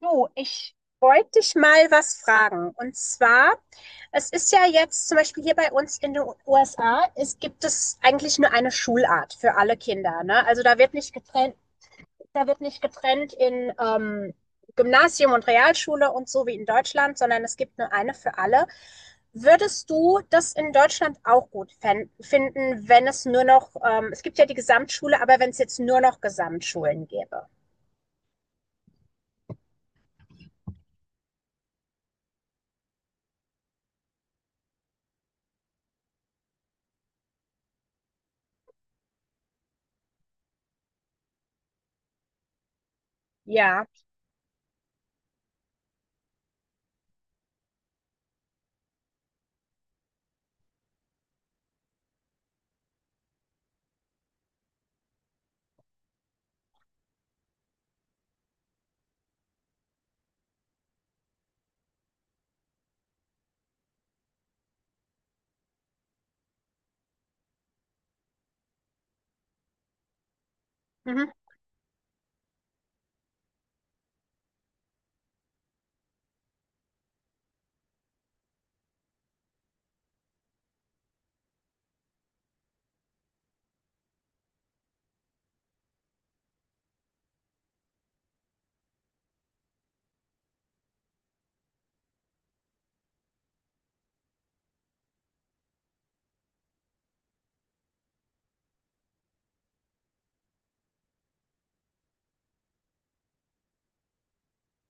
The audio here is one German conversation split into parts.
Du, ich wollte dich mal was fragen. Und zwar, es ist ja jetzt zum Beispiel hier bei uns in den USA, es gibt es eigentlich nur eine Schulart für alle Kinder, ne? Also da wird nicht getrennt, da wird nicht getrennt in Gymnasium und Realschule und so wie in Deutschland, sondern es gibt nur eine für alle. Würdest du das in Deutschland auch gut finden, wenn es nur noch, es gibt ja die Gesamtschule, aber wenn es jetzt nur noch Gesamtschulen gäbe? Ja, mhm,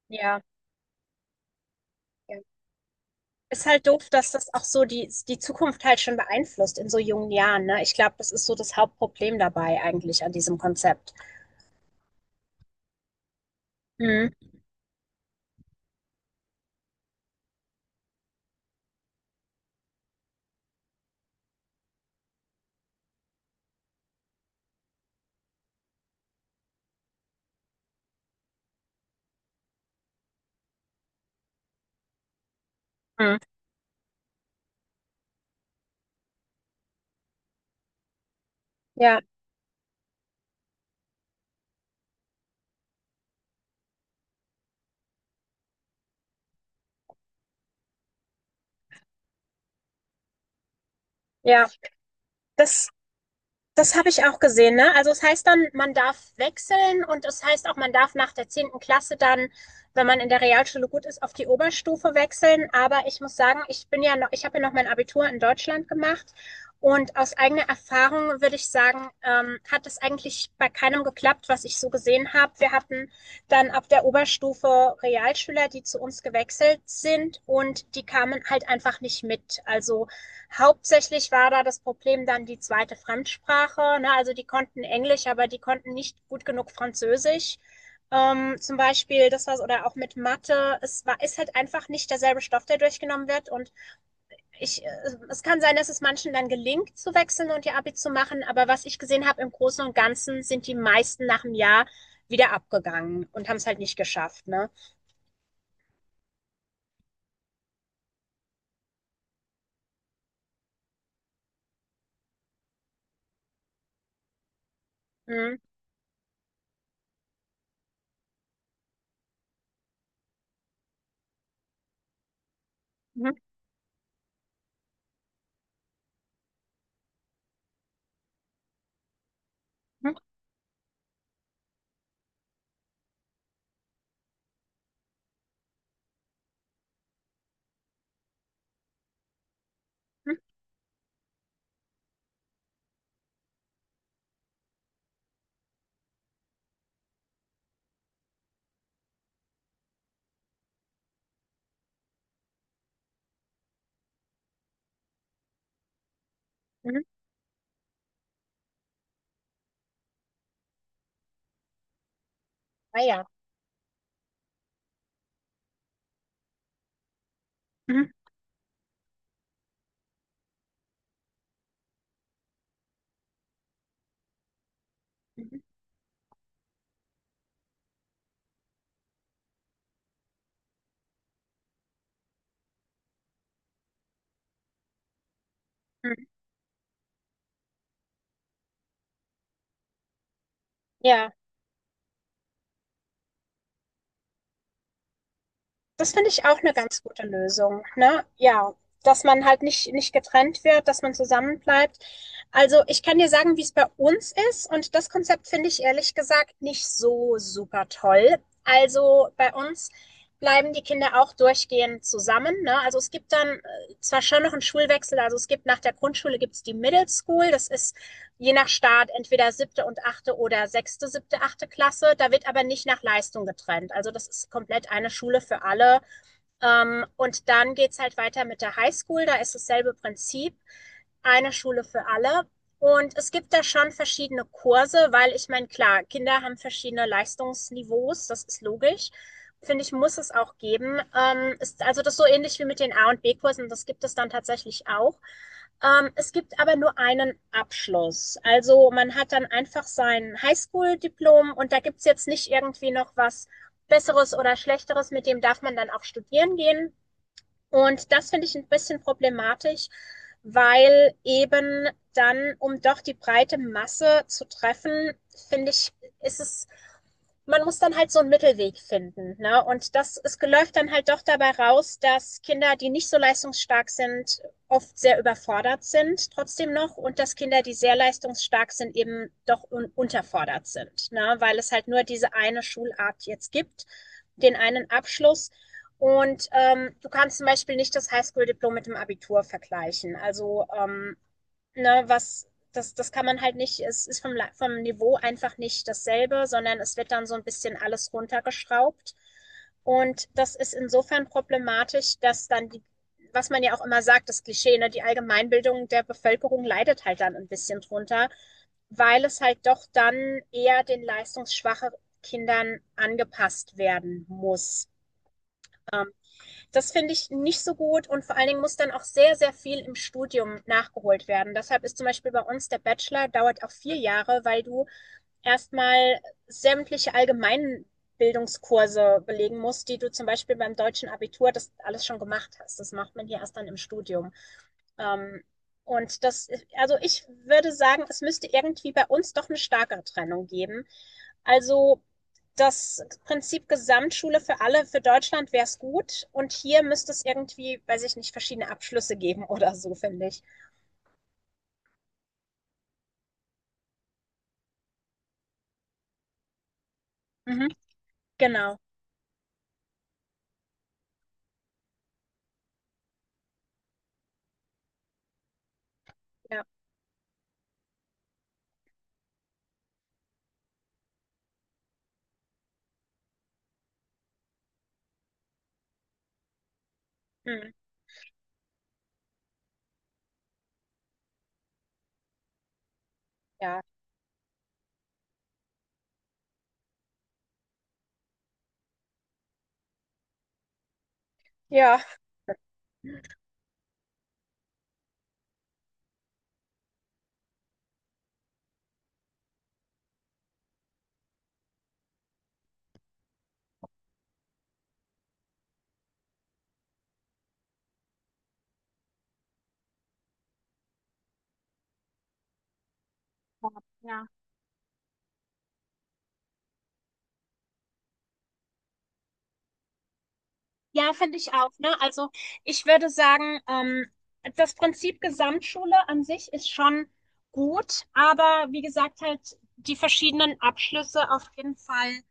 ja, ja. Ist halt doof, dass das auch so die Zukunft halt schon beeinflusst in so jungen Jahren, ne? Ich glaube, das ist so das Hauptproblem dabei eigentlich an diesem Konzept. Mhm. Mhm. Ja, ja. Das Das habe ich auch gesehen, ne? Also es heißt dann, man darf wechseln und es heißt auch, man darf nach der zehnten Klasse dann, wenn man in der Realschule gut ist, auf die Oberstufe wechseln. Aber ich muss sagen, ich habe ja noch mein Abitur in Deutschland gemacht und aus eigener Erfahrung würde ich sagen, hat es eigentlich bei keinem geklappt, was ich so gesehen habe. Wir hatten dann ab der Oberstufe Realschüler, die zu uns gewechselt sind und die kamen halt einfach nicht mit. Also hauptsächlich war da das Problem dann die zweite Fremdsprache. Ne? Also die konnten Englisch, aber die konnten nicht gut genug Französisch. Zum Beispiel, das war oder auch mit Mathe. Ist halt einfach nicht derselbe Stoff, der durchgenommen wird. Und ich, äh, es kann sein, dass es manchen dann gelingt, zu wechseln und ihr Abi zu machen. Aber was ich gesehen habe, im Großen und Ganzen sind die meisten nach einem Jahr wieder abgegangen und haben es halt nicht geschafft. Ne? Mhm. Mhm. Mhm. Mhm. Mhm. Ah ja. Mhm. Mhm. Mhm. Ja. Das finde ich auch eine ganz gute Lösung, ne? Ja, dass man halt nicht getrennt wird, dass man zusammen bleibt. Also, ich kann dir sagen, wie es bei uns ist, und das Konzept finde ich ehrlich gesagt nicht so super toll. Also, bei uns bleiben die Kinder auch durchgehend zusammen, ne? Also, es gibt dann, zwar schon noch einen Schulwechsel, also, es gibt nach der Grundschule gibt's die Middle School. Das ist je nach Staat entweder siebte und achte oder sechste, siebte, achte Klasse. Da wird aber nicht nach Leistung getrennt. Also, das ist komplett eine Schule für alle. Und dann geht's halt weiter mit der Highschool. Da ist dasselbe Prinzip. Eine Schule für alle. Und es gibt da schon verschiedene Kurse, weil ich meine, klar, Kinder haben verschiedene Leistungsniveaus, das ist logisch. Finde ich, muss es auch geben. Ist also das so ähnlich wie mit den A- und B-Kursen, das gibt es dann tatsächlich auch. Es gibt aber nur einen Abschluss. Also man hat dann einfach sein Highschool-Diplom und da gibt's jetzt nicht irgendwie noch was Besseres oder Schlechteres, mit dem darf man dann auch studieren gehen. Und das finde ich ein bisschen problematisch, weil eben dann, um doch die breite Masse zu treffen, finde ich, ist es, man muss dann halt so einen Mittelweg finden. Ne? Und es läuft dann halt doch dabei raus, dass Kinder, die nicht so leistungsstark sind, oft sehr überfordert sind, trotzdem noch, und dass Kinder, die sehr leistungsstark sind, eben doch un unterfordert sind, ne? Weil es halt nur diese eine Schulart jetzt gibt, den einen Abschluss, und du kannst zum Beispiel nicht das Highschool-Diplom mit dem Abitur vergleichen. Also, ne, was, das kann man halt nicht, es ist vom Niveau einfach nicht dasselbe, sondern es wird dann so ein bisschen alles runtergeschraubt. Und das ist insofern problematisch, dass dann was man ja auch immer sagt, das Klischee, ne, die Allgemeinbildung der Bevölkerung leidet halt dann ein bisschen drunter, weil es halt doch dann eher den leistungsschwachen Kindern angepasst werden muss. Ähm, das finde ich nicht so gut, und vor allen Dingen muss dann auch sehr, sehr viel im Studium nachgeholt werden. Deshalb ist zum Beispiel bei uns der Bachelor dauert auch vier Jahre, weil du erstmal sämtliche allgemeinen Bildungskurse belegen musst, die du zum Beispiel beim deutschen Abitur das alles schon gemacht hast. Das macht man hier erst dann im Studium. Ähm, und das, also ich würde sagen, es müsste irgendwie bei uns doch eine starke Trennung geben. Also das Prinzip Gesamtschule für alle, für Deutschland wäre es gut. Und hier müsste es irgendwie, weiß ich nicht, verschiedene Abschlüsse geben oder so, finde ich. Mhm, genau. Ja. Mhm. Ja. Ja. Ja. Ja, finde ich auch, ne? Also ich würde sagen, das Prinzip Gesamtschule an sich ist schon gut, aber wie gesagt, halt die verschiedenen Abschlüsse auf jeden Fall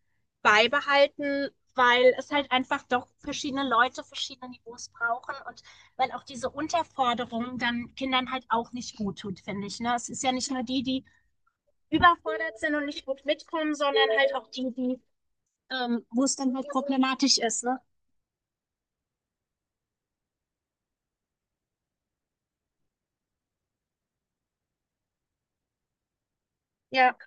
beibehalten, weil es halt einfach doch verschiedene Leute, verschiedene Niveaus brauchen, und weil auch diese Unterforderung dann Kindern halt auch nicht gut tut, finde ich, ne? Es ist ja nicht nur die überfordert sind und nicht gut mitkommen, sondern halt auch wo es dann halt problematisch ist, ne? Ja.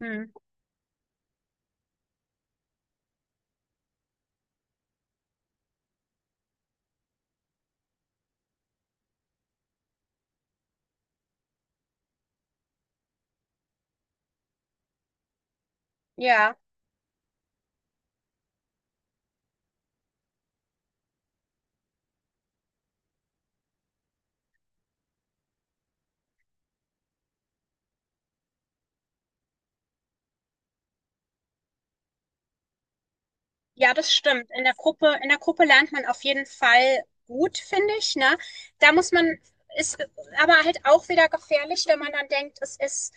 Hm. Ja. Ja, das stimmt. In der Gruppe lernt man auf jeden Fall gut, finde ich, ne? Da muss man, ist Aber halt auch wieder gefährlich, wenn man dann denkt,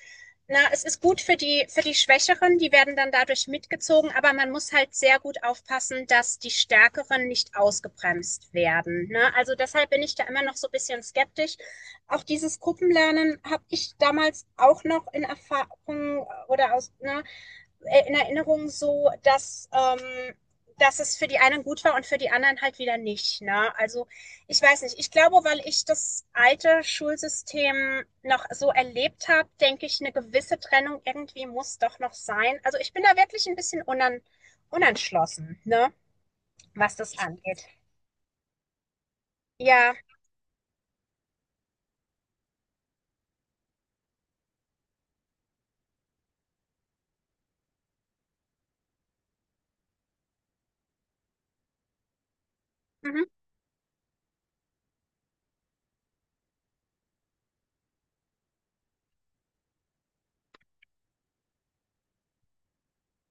na, es ist gut für für die Schwächeren, die werden dann dadurch mitgezogen, aber man muss halt sehr gut aufpassen, dass die Stärkeren nicht ausgebremst werden, ne? Also deshalb bin ich da immer noch so ein bisschen skeptisch. Auch dieses Gruppenlernen habe ich damals auch noch in Erfahrung oder aus, ne? In Erinnerung so, dass es für die einen gut war und für die anderen halt wieder nicht. Ne? Also ich weiß nicht. Ich glaube, weil ich das alte Schulsystem noch so erlebt habe, denke ich, eine gewisse Trennung irgendwie muss doch noch sein. Also ich bin da wirklich ein bisschen unan unentschlossen, ne? Was das angeht. Ja, mhm,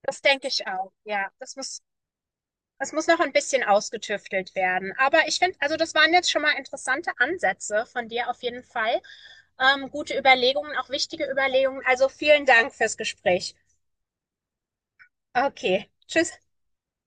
das denke ich auch. Ja, das muss Es muss noch ein bisschen ausgetüftelt werden. Aber ich finde, also das waren jetzt schon mal interessante Ansätze von dir auf jeden Fall. Gute Überlegungen, auch wichtige Überlegungen. Also vielen Dank fürs Gespräch. Okay, tschüss.